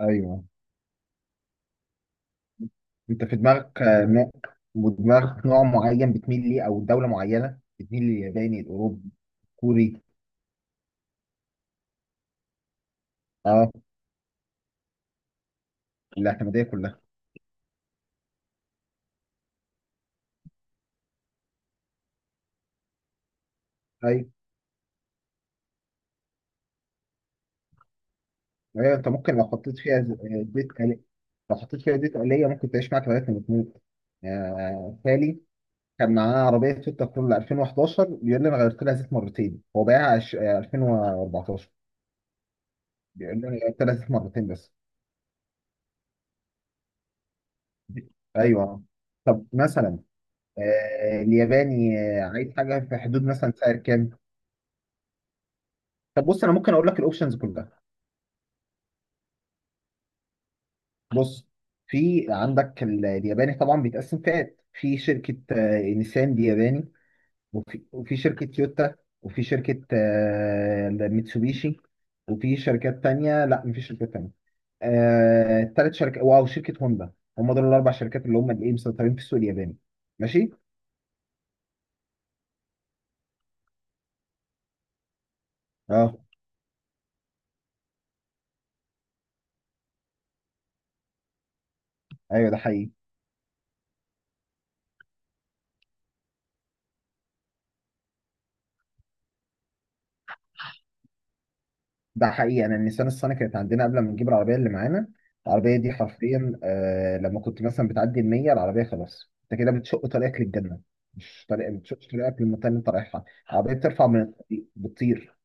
ايوه، انت في دماغك نوع ودماغك نوع معين بتميل ليه او دوله معينه بتميل للياباني الاوروبي الكوري. اه الاعتماديه كلها. ايوه ايوه انت ممكن لو حطيت فيها لو حطيت فيها زيت آلية ممكن تعيش معاك لغايه ما تموت. تالي كان معاه عربيه تويوتا كرولا 2011، بيقول لي انا غيرت لها زيت مرتين. هو بايعها 2014، بيقول لي انا غيرت لها زيت مرتين بس. ايوه. طب مثلا الياباني عايز حاجه في حدود مثلا سعر كام؟ طب بص انا ممكن اقول لك الاوبشنز كلها. بص، في عندك الياباني طبعا بيتقسم فئات. في شركه نيسان، دي ياباني، وفي شركه تويوتا، وفي شركه ميتسوبيشي، وفي شركات تانية. لا مفيش شركات تانية. تالت شركة، واو شركة هوندا. هم دول الأربع شركات اللي هم الإيه مسيطرين في السوق الياباني. ماشي؟ اه. ايوه ده حقيقي. ده حقيقي، انا النيسان الصني كانت عندنا قبل ما نجيب العربيه اللي معانا. العربيه دي حرفيا آه، لما كنت مثلا بتعدي ال 100 العربيه خلاص انت كده بتشق طريقك للجنه. مش طريق، بتشق طريقك للمنطقه اللي انت رايحها. العربيه بترفع من الطريق بتطير،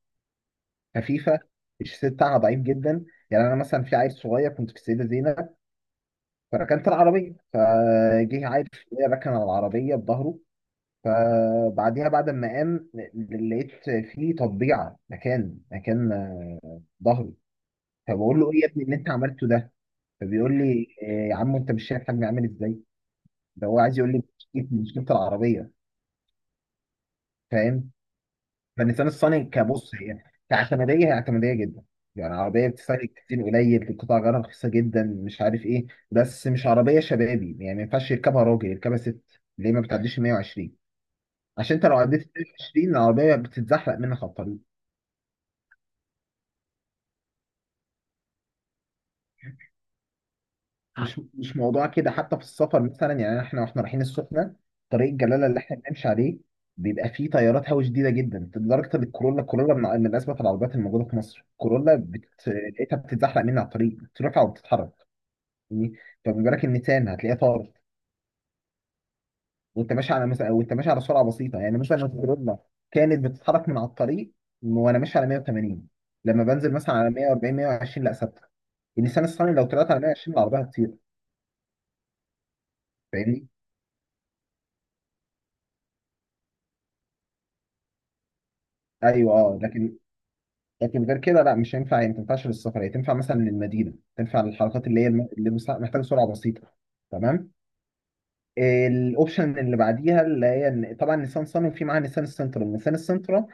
خفيفه. الشاسيه بتاعها ضعيف جدا. يعني انا مثلا في عيل صغير، كنت في السيده زينب فركنت العربيه، فجه عيل صغير ركن على العربيه بظهره. فبعديها بعد ما قام لقيت فيه تطبيعه مكان ظهري. فبقول له ايه يا ابني اللي انت عملته ده؟ فبيقول لي إيه يا عم انت مش شايف حجمي عامل ازاي؟ ده هو عايز يقول لي مشكلتي مشكله العربيه. فاهم؟ فالنسيان الصيني كبص، هي كاعتماديه هي اعتماديه جدا. يعني عربيه بتستهلك كتير قليل، القطع غيارها رخيصه جدا، مش عارف ايه. بس مش عربيه شبابي. يعني ما ينفعش يركبها راجل، يركبها ست. ليه؟ ما بتعديش ال 120. عشان انت لو عديت ال 120 العربيه بتتزحلق منك على الطريق. مش مش موضوع كده. حتى في السفر مثلا، يعني احنا واحنا رايحين السخنه طريق الجلاله اللي احنا بنمشي عليه بيبقى فيه تيارات هوا شديده جدا لدرجه ان الكورولا من اسباب العربيات الموجوده في مصر، الكورولا لقيتها بتتزحلق مني على الطريق، بترفع وبتتحرك يعني. فما بالك النيسان هتلاقيها طارت. وانت ماشي على مثلا، وانت ماشي على سرعه بسيطه. يعني مثلا لو الكورولا كانت بتتحرك من على الطريق وانا ماشي على 180، لما بنزل مثلا على 140 120 لا، ثابته. النيسان الصيني لو طلعت على 120 العربيه هتطير. فاهمني؟ ايوه اه لكن، لكن غير كده لا مش هينفع. يعني ما تنفعش للسفر. هي تنفع مثلا للمدينه، تنفع للحركات اللي هي اللي محتاجه سرعه بسيطه. تمام. الاوبشن اللي بعديها اللي هي طبعا نيسان صني، وفي معاها نيسان السنترا. نيسان السنترا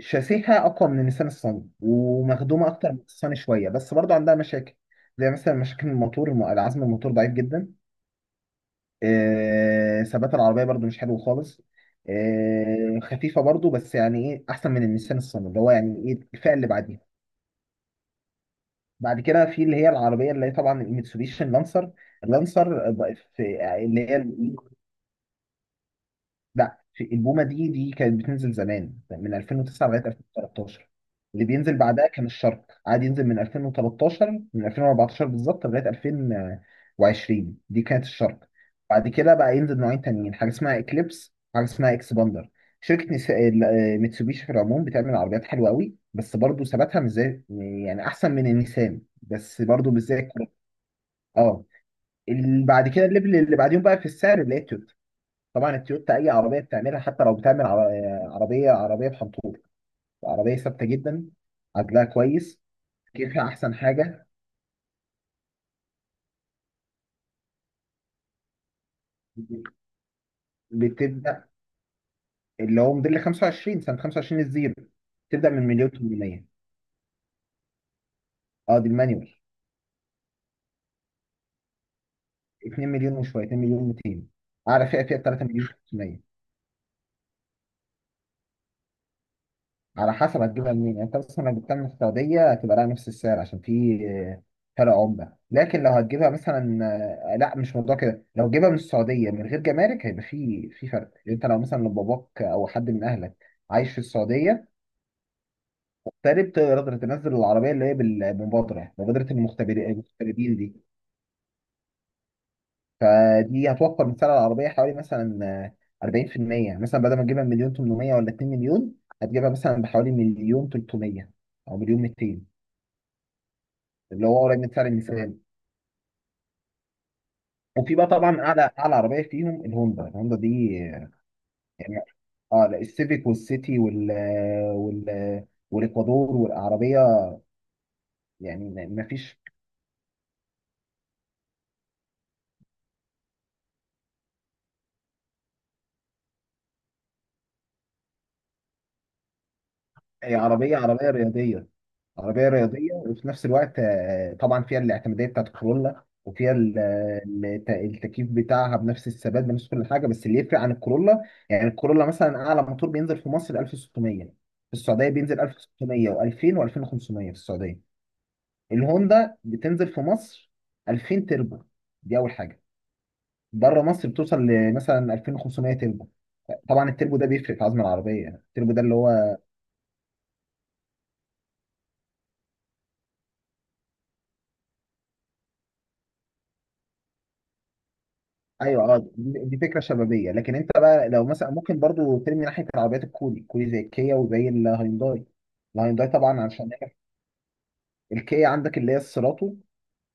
شاسيها اقوى من نيسان الصني ومخدومه اكتر من الصني شويه. بس برضو عندها مشاكل، زي مثلا مشاكل الموتور العزم الموتور ضعيف جدا. ثبات العربيه برضو مش حلو خالص. خفيفه برضو. بس يعني ايه احسن من النيسان الصني، اللي هو يعني ايه الفئه اللي بعديها. بعد كده في اللي هي العربيه اللي هي طبعا الميتسوبيشي اللانسر. اللانسر بقى في اللي هي ال- لا، في البومه. دي كانت بتنزل زمان من 2009 لغايه 2013. اللي بينزل بعدها كان الشرق. عاد ينزل من 2013 من 2014 بالظبط لغايه 2020. دي كانت الشرق. بعد كده بقى ينزل نوعين تانيين، حاجه اسمها اكليبس، حاجه اسمها اكسباندر. شركة نس- ال- آه، ميتسوبيشي في العموم بتعمل عربيات حلوة قوي، بس برضو ثباتها مش زي. يعني أحسن من النيسان بس برضو مش زي. اه بعد كده الليفل اللي بعديهم بقى في السعر اللي هي التويوتا. طبعا التويوتا اي عربيه بتعملها، حتى لو بتعمل عربيه بحنطور، عربيه ثابته جدا، عدلها كويس، كيفها احسن حاجه. بتبدا اللي هو موديل 25، سنه 25 الزيرو، تبدا من مليون 800. اه دي المانيوال. 2 مليون وشويه، 2 مليون 200. اعلى فئه 3 مليون 500. على حسب هتجيبها منين. يعني انت مثلا لو جبتها من السعودية هتبقى لها نفس السعر، عشان في فرق عملة. لكن لو هتجيبها مثلا لا مش موضوع كده. لو جيبها من السعودية من غير جمارك هيبقى في فرق. يعني انت لو مثلا لو باباك او حد من اهلك عايش في السعودية مغترب تقدر تنزل العربية اللي هي بالمبادرة، مبادرة المغتربين دي. فدي هتوفر من سعر العربية حوالي مثلا 40% مثلا، بدل ما تجيبها بمليون 800 ولا 2 مليون، هتجيبها مثلا بحوالي مليون 300 او مليون 200، اللي هو قريب من سعر الميزانيه. وفي بقى طبعا اعلى عربيه فيهم الهوندا. الهوندا دي يعني، اه لا، السيفيك والسيتي وال والاكوادور والعربيه. يعني ما فيش. هي عربيه رياضيه. عربيه رياضيه وفي نفس الوقت طبعا فيها الاعتماديه بتاعت الكورولا، وفيها التكييف بتاعها بنفس الثبات بنفس كل حاجه. بس اللي يفرق عن الكورولا، يعني الكورولا مثلا اعلى موتور بينزل في مصر 1600. في السعوديه بينزل 1600 و2000 و2500 في السعوديه. الهوندا بتنزل في مصر 2000 تربو، دي اول حاجه. بره مصر بتوصل لمثلا 2500 تربو. طبعا التربو ده بيفرق في عزم العربيه. التربو ده اللي هو ايوه اه. دي فكره شبابيه. لكن انت بقى لو مثلا ممكن برضو ترمي ناحيه العربيات الكوري. الكوري زي الكيا وزي الهيونداي. الهيونداي طبعا عشان الكيا عندك اللي هي السيراتو.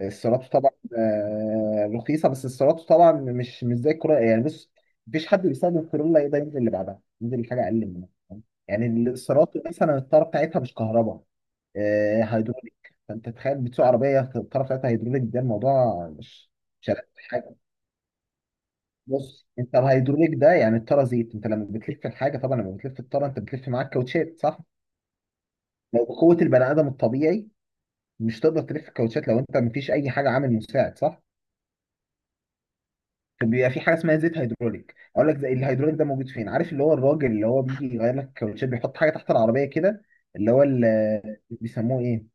السيراميكا طبعا رخيصه. بس السيراميكا طبعا مش زي الكورولا. يعني بص، مفيش حد بيستخدم الكورولا يقدر ينزل اللي بعدها، ينزل لحاجه اقل منها. فاهم؟ يعني السيراميكا مثلا الطاره بتاعتها مش كهرباء، هيدروليك. فانت تخيل بتسوق عربيه الطاره بتاعتها هيدروليك، ده الموضوع مش مش ألذ حاجه. بص انت الهيدروليك ده يعني الطاره زيت. انت لما بتلف الحاجه طبعا، لما بتلف الطاره انت بتلف معاك كاوتشات صح؟ لو بقوه البني ادم الطبيعي مش تقدر تلف الكاوتشات لو انت مفيش اي حاجه عامل مساعد صح؟ كان بيبقى في حاجه اسمها زيت هيدروليك. اقول لك زي الهيدروليك ده موجود فين؟ عارف اللي هو الراجل اللي هو بيجي يغير لك الكاوتشات بيحط حاجه تحت العربيه كده، اللي هو بيسموه ايه،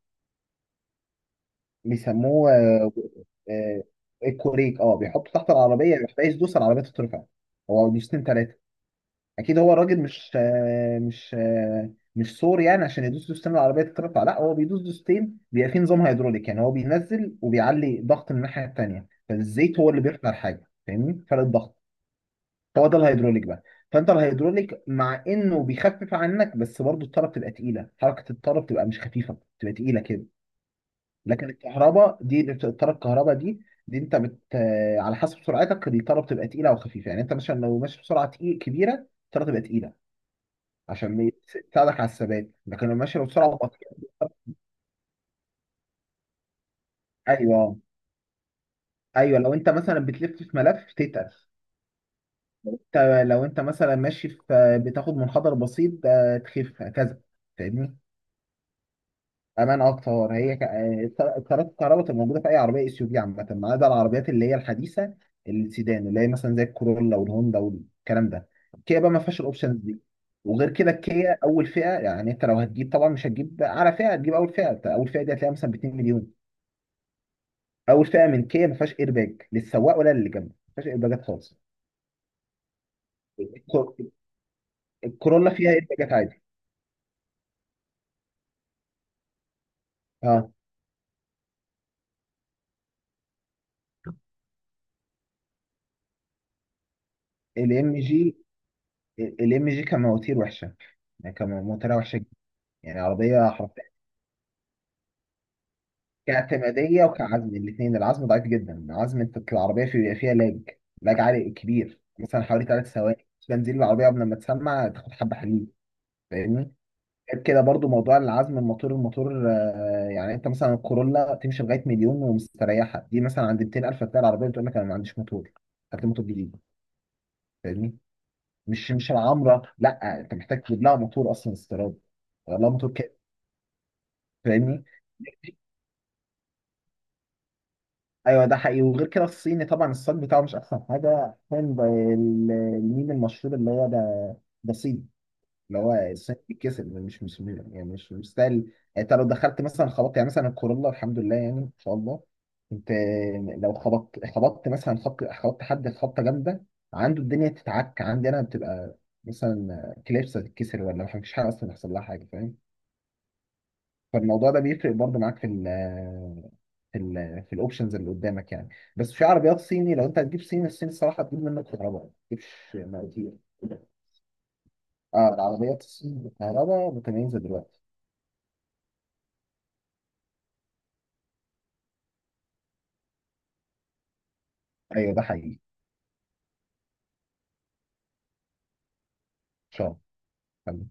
بيسموه آه، الكوريك. اه بيحطه تحت العربيه، يحتاج يدوس العربيه تترفع، هو دوستين ثلاثه. اكيد هو الراجل مش سور يعني عشان يدوس دوستين العربيه تترفع. لا، هو بيدوس دوستين بيبقى في نظام هيدروليك. يعني هو بينزل وبيعلي ضغط من الناحيه التانيه، فالزيت هو اللي بيرفع الحاجه. فاهمني فرق الضغط؟ هو ده الهيدروليك بقى. فانت الهيدروليك مع انه بيخفف عنك بس برضه الطاره بتبقى تقيله. حركه الطاره بتبقى مش خفيفه، بتبقى تقيله كده. لكن الكهرباء دي اللي الطاره الكهرباء دي، دي انت بت آه، على حسب سرعتك الطاره بتبقى تقيله او خفيفه. يعني انت مثلا لو ماشي بسرعه تقيل كبيره الطاره تبقى تقيله، عشان تساعدك على الثبات. لكن لو ماشي بسرعه بطيئه. ايوه ايوه لو انت مثلا بتلف في ملف تتقل. انت لو انت مثلا ماشي في بتاخد منحدر بسيط، تخف هكذا. فاهمني؟ امان اكتر. هي الطارات الكهرباء تبقى موجوده في اي عربيه اس يو في عامه، ما عدا العربيات اللي هي الحديثه، السيدان اللي هي مثلا زي الكورولا والهوندا والكلام ده. الكيا بقى ما فيهاش الاوبشنز دي. وغير كده الكيا اول فئه، يعني انت لو هتجيب طبعا مش هتجيب اعلى فئه، هتجيب اول فئه. أنت اول فئه دي هتلاقيها مثلا ب 2 مليون. اول فئه من كيا ما فيهاش ايرباج للسواق ولا للي جنبه، ما فيهاش ايرباجات خالص. الكور- الكورولا فيها ايرباجات عادي. اه الام جي، الام جي كان مواتير وحشه، يعني كان موتورها وحشه جدا. يعني عربيه حرفيا كاعتمادية وكعزم الاثنين. العزم ضعيف جدا. عزم انت العربية في بيبقى فيها لاج، لاج عالي كبير، مثلا حوالي ثلاث ثواني بنزين العربية قبل ما تسمع تاخد حبة حليب. فاهمني؟ غير كده برضو موضوع العزم الموتور يعني انت مثلا الكورولا تمشي لغاية مليون ومستريحة، دي مثلا عند 200000 هتلاقي العربية بتقول لك انا ما عنديش موتور، هات لي موتور جديد. فاهمني؟ مش مش العمرة، لا انت محتاج تجيب لها موتور اصلا استيراد، لا موتور كده. فاهمني؟ ايوه ده حقيقي. وغير كده الصيني طبعا الصاج بتاعه مش احسن حاجه. فاهم الميم المشهور اللي هو ده، ده صيني. اللي هو الصيني بيتكسر، مش يعني مش مستاهل. انت لو دخلت مثلا خبطت، يعني مثلا الكورولا الحمد لله يعني ان شاء الله، انت لو خبطت مثلا خبط، خبطت حد خبطه جامده، عنده الدنيا تتعك. عندي انا بتبقى مثلا كليبسه تتكسر، ولا مفيش حاجه اصلا يحصل لها حاجه. فاهم؟ فالموضوع ده بيفرق برضه معاك في ال في ال في الاوبشنز اللي قدامك يعني. بس في عربيات صيني لو انت هتجيب صيني، الصين الصراحه هتجيب منك كهرباء ما تجيبش مواتير. اه العربيات الصيني بالكهرباء متميزه دلوقتي. ايوه ده حقيقي ان شاء الله.